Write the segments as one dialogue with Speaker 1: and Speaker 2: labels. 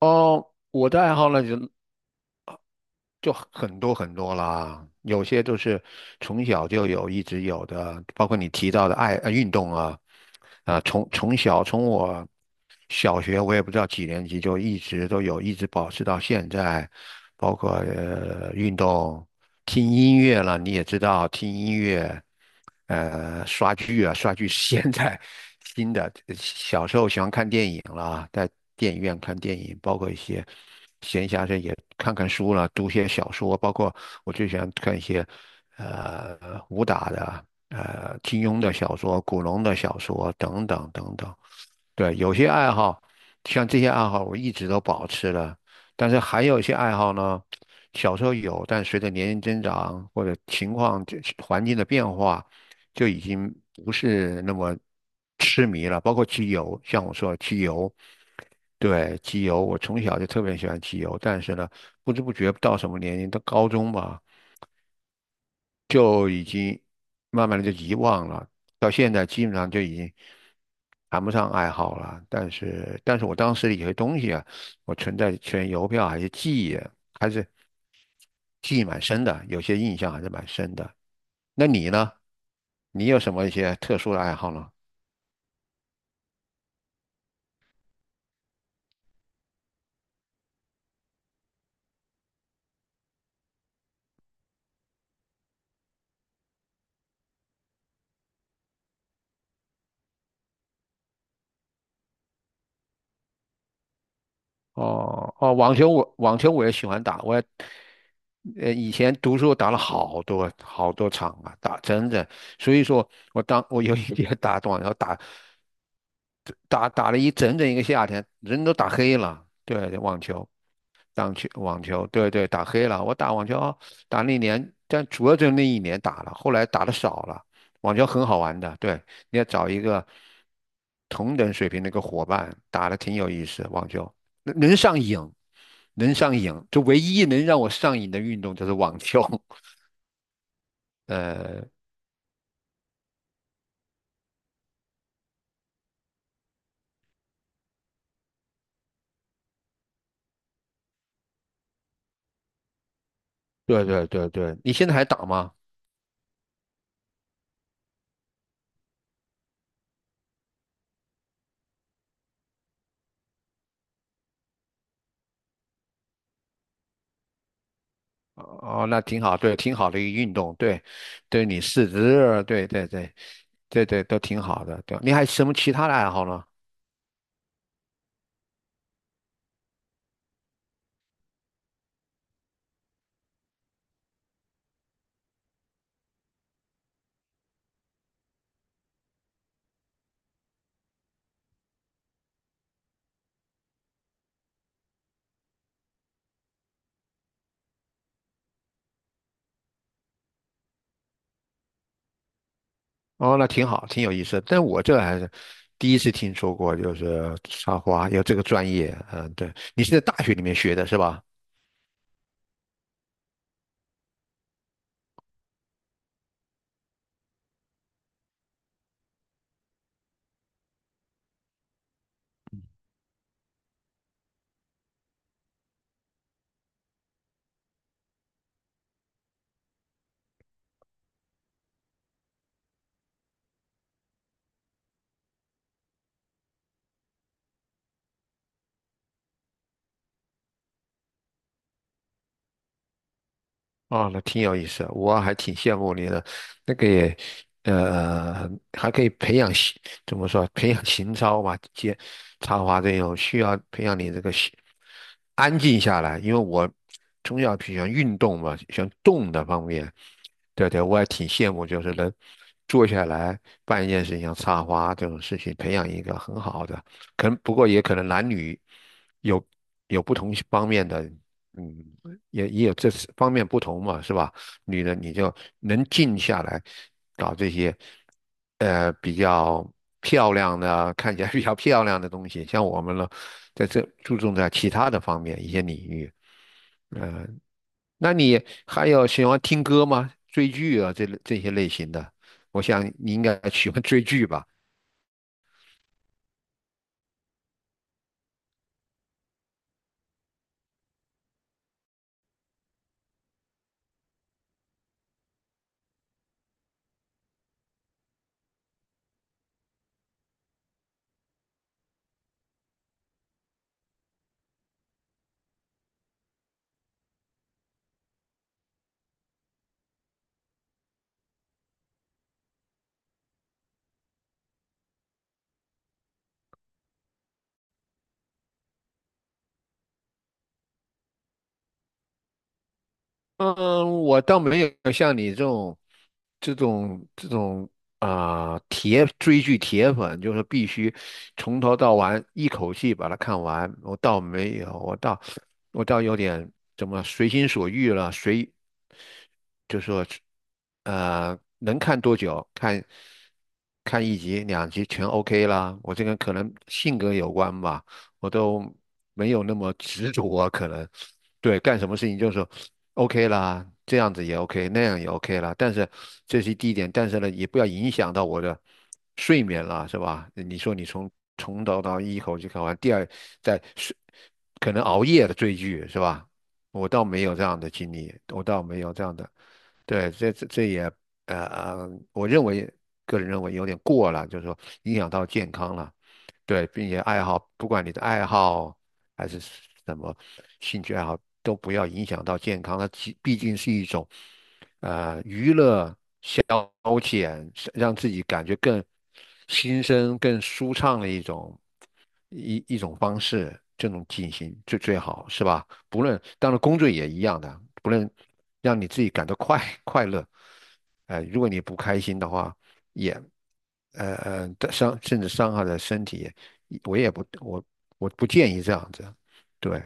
Speaker 1: 哦，我的爱好呢就很多很多啦，有些都是从小就有，一直有的，包括你提到的运动啊，啊、从我小学我也不知道几年级就一直都有，一直保持到现在，包括运动。听音乐了，你也知道听音乐，刷剧啊，刷剧是现在新的。小时候喜欢看电影啦，在电影院看电影，包括一些闲暇时也看看书了，读些小说，包括我最喜欢看一些呃武打的、金庸的小说、古龙的小说等等等等。对，有些爱好，像这些爱好，我一直都保持了。但是还有一些爱好呢，小时候有，但随着年龄增长或者情况、这环境的变化，就已经不是那么痴迷了。包括机油，像我说的机油，对，机油，我从小就特别喜欢机油，但是呢，不知不觉到什么年龄，到高中吧，就已经慢慢的就遗忘了，到现在基本上就已经谈不上爱好了。但是我当时的有些东西啊，我存邮票还是记忆蛮深的，有些印象还是蛮深的。那你呢？你有什么一些特殊的爱好呢？哦哦，网球我也喜欢打，以前读书打了好多好多场啊，打真的，所以说我有一天 打网球打了整整一个夏天，人都打黑了。对，网球，网球，对对，打黑了。我打网球打那年，但主要就那一年打了，后来打的少了。网球很好玩的，对，你要找一个同等水平的一个伙伴，打的挺有意思。网球，能上瘾，能上瘾，就唯一能让我上瘾的运动就是网球。呃，对对对对，你现在还打吗？哦，那挺好，对，挺好的一个运动，对，对你四肢，对对对对对，都挺好的，对。你还有什么其他的爱好呢？哦，那挺好，挺有意思的，但我这还是第一次听说过，就是插花有这个专业。嗯，对，你是在大学里面学的是吧？哦，那挺有意思，我还挺羡慕你的。那个也，还可以培养怎么说，培养情操嘛，插花这种需要培养你这个安静下来。因为我从小喜欢运动嘛，喜欢动的方面。对对，我也挺羡慕，就是能坐下来办一件事情，像插花这种事情，培养一个很好的。可能不过也可能男女有有不同方面的。嗯，也有这方面不同嘛，是吧？女的你就能静下来，搞这些，比较漂亮的，看起来比较漂亮的东西。像我们呢，在这注重在其他的方面一些领域。呃，那你还有喜欢听歌吗？追剧啊，这些类型的，我想你应该喜欢追剧吧？嗯，我倒没有像你这种啊、铁追剧铁粉，就是必须从头到完一口气把它看完。我倒没有，我倒有点怎么随心所欲了，随就说能看多久看看一集两集全 OK 啦。我这个人可能性格有关吧。我都没有那么执着啊，可能对干什么事情就是说 OK 啦，这样子也 OK,那样也 OK 啦。但是这是第一点，但是呢，也不要影响到我的睡眠了，是吧？你说你从头到一口气看完，第二在睡可能熬夜的追剧是吧？我倒没有这样的经历，我倒没有这样的，对，这也呃，我认为个人认为有点过了，就是说影响到健康了。对，并且爱好，不管你的爱好还是什么兴趣爱好，都不要影响到健康。它既毕竟是一种娱乐消遣，是让自己感觉更心生、更舒畅的一种方式，这种进行最最好，是吧？不论当然工作也一样的，不论让你自己感到快乐，如果你不开心的话，也。呃甚至伤害了身体，我也不，我我不建议这样子。对，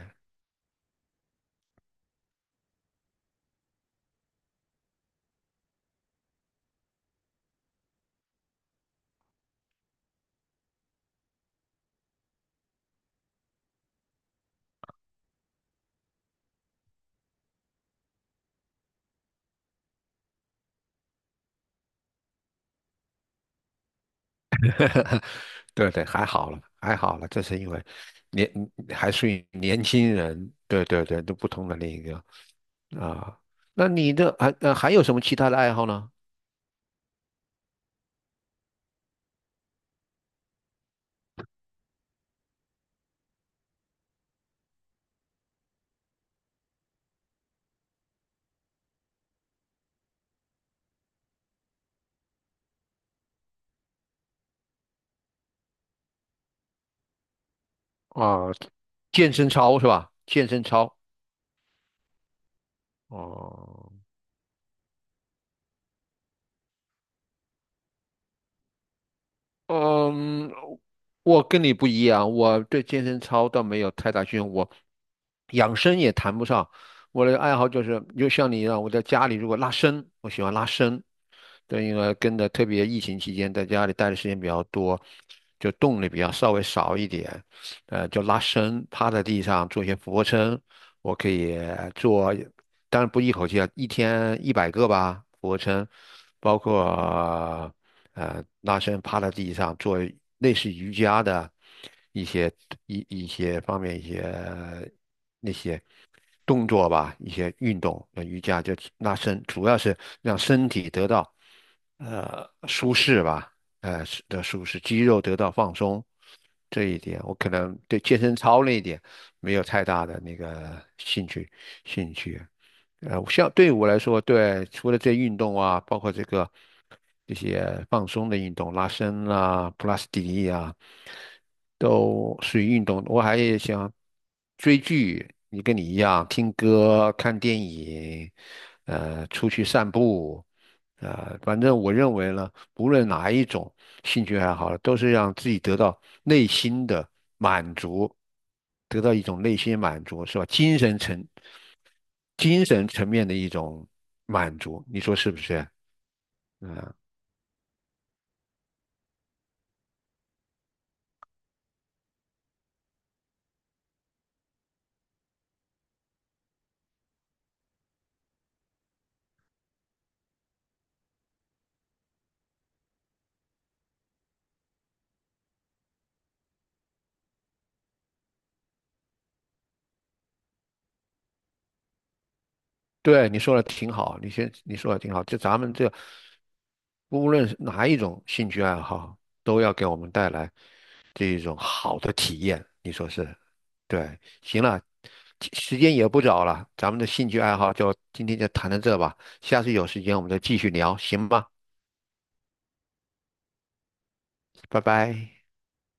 Speaker 1: 对对，还好了，还好了，这是因为年还属于年轻人，对对对，都不同的那个啊。那你的还呃还有什么其他的爱好呢？啊，健身操是吧？健身操哦，嗯，我跟你不一样，我对健身操倒没有太大兴趣，我养生也谈不上。我的爱好就是，就像你一样，我在家里如果拉伸，我喜欢拉伸。对，因为跟着特别疫情期间在家里待的时间比较多，就动力比较稍微少一点，就拉伸，趴在地上做一些俯卧撑，我可以做，当然不一口气啊，一天100个吧，俯卧撑，包括。拉伸趴在地上做类似瑜伽的一些一些方面一些那些动作吧，一些运动，瑜伽就拉伸，主要是让身体得到舒适吧，是的舒适，肌肉得到放松。这一点我可能对健身操那一点没有太大的那个兴趣。像对我来说，对，除了这运动啊，包括这些放松的运动，拉伸啊、普拉斯提力啊，都属于运动。我还也想追剧，跟你一样，听歌、看电影，出去散步，反正我认为呢，无论哪一种兴趣爱好，都是让自己得到内心的满足，得到一种内心满足，是吧？精神层面的一种满足，你说是不是？对，你说的挺好，你说的挺好，就咱们这无论是哪一种兴趣爱好，都要给我们带来这一种好的体验，你说是？对，行了，其时间也不早了，咱们的兴趣爱好就今天就谈到这吧，下次有时间我们再继续聊，行吧？拜拜。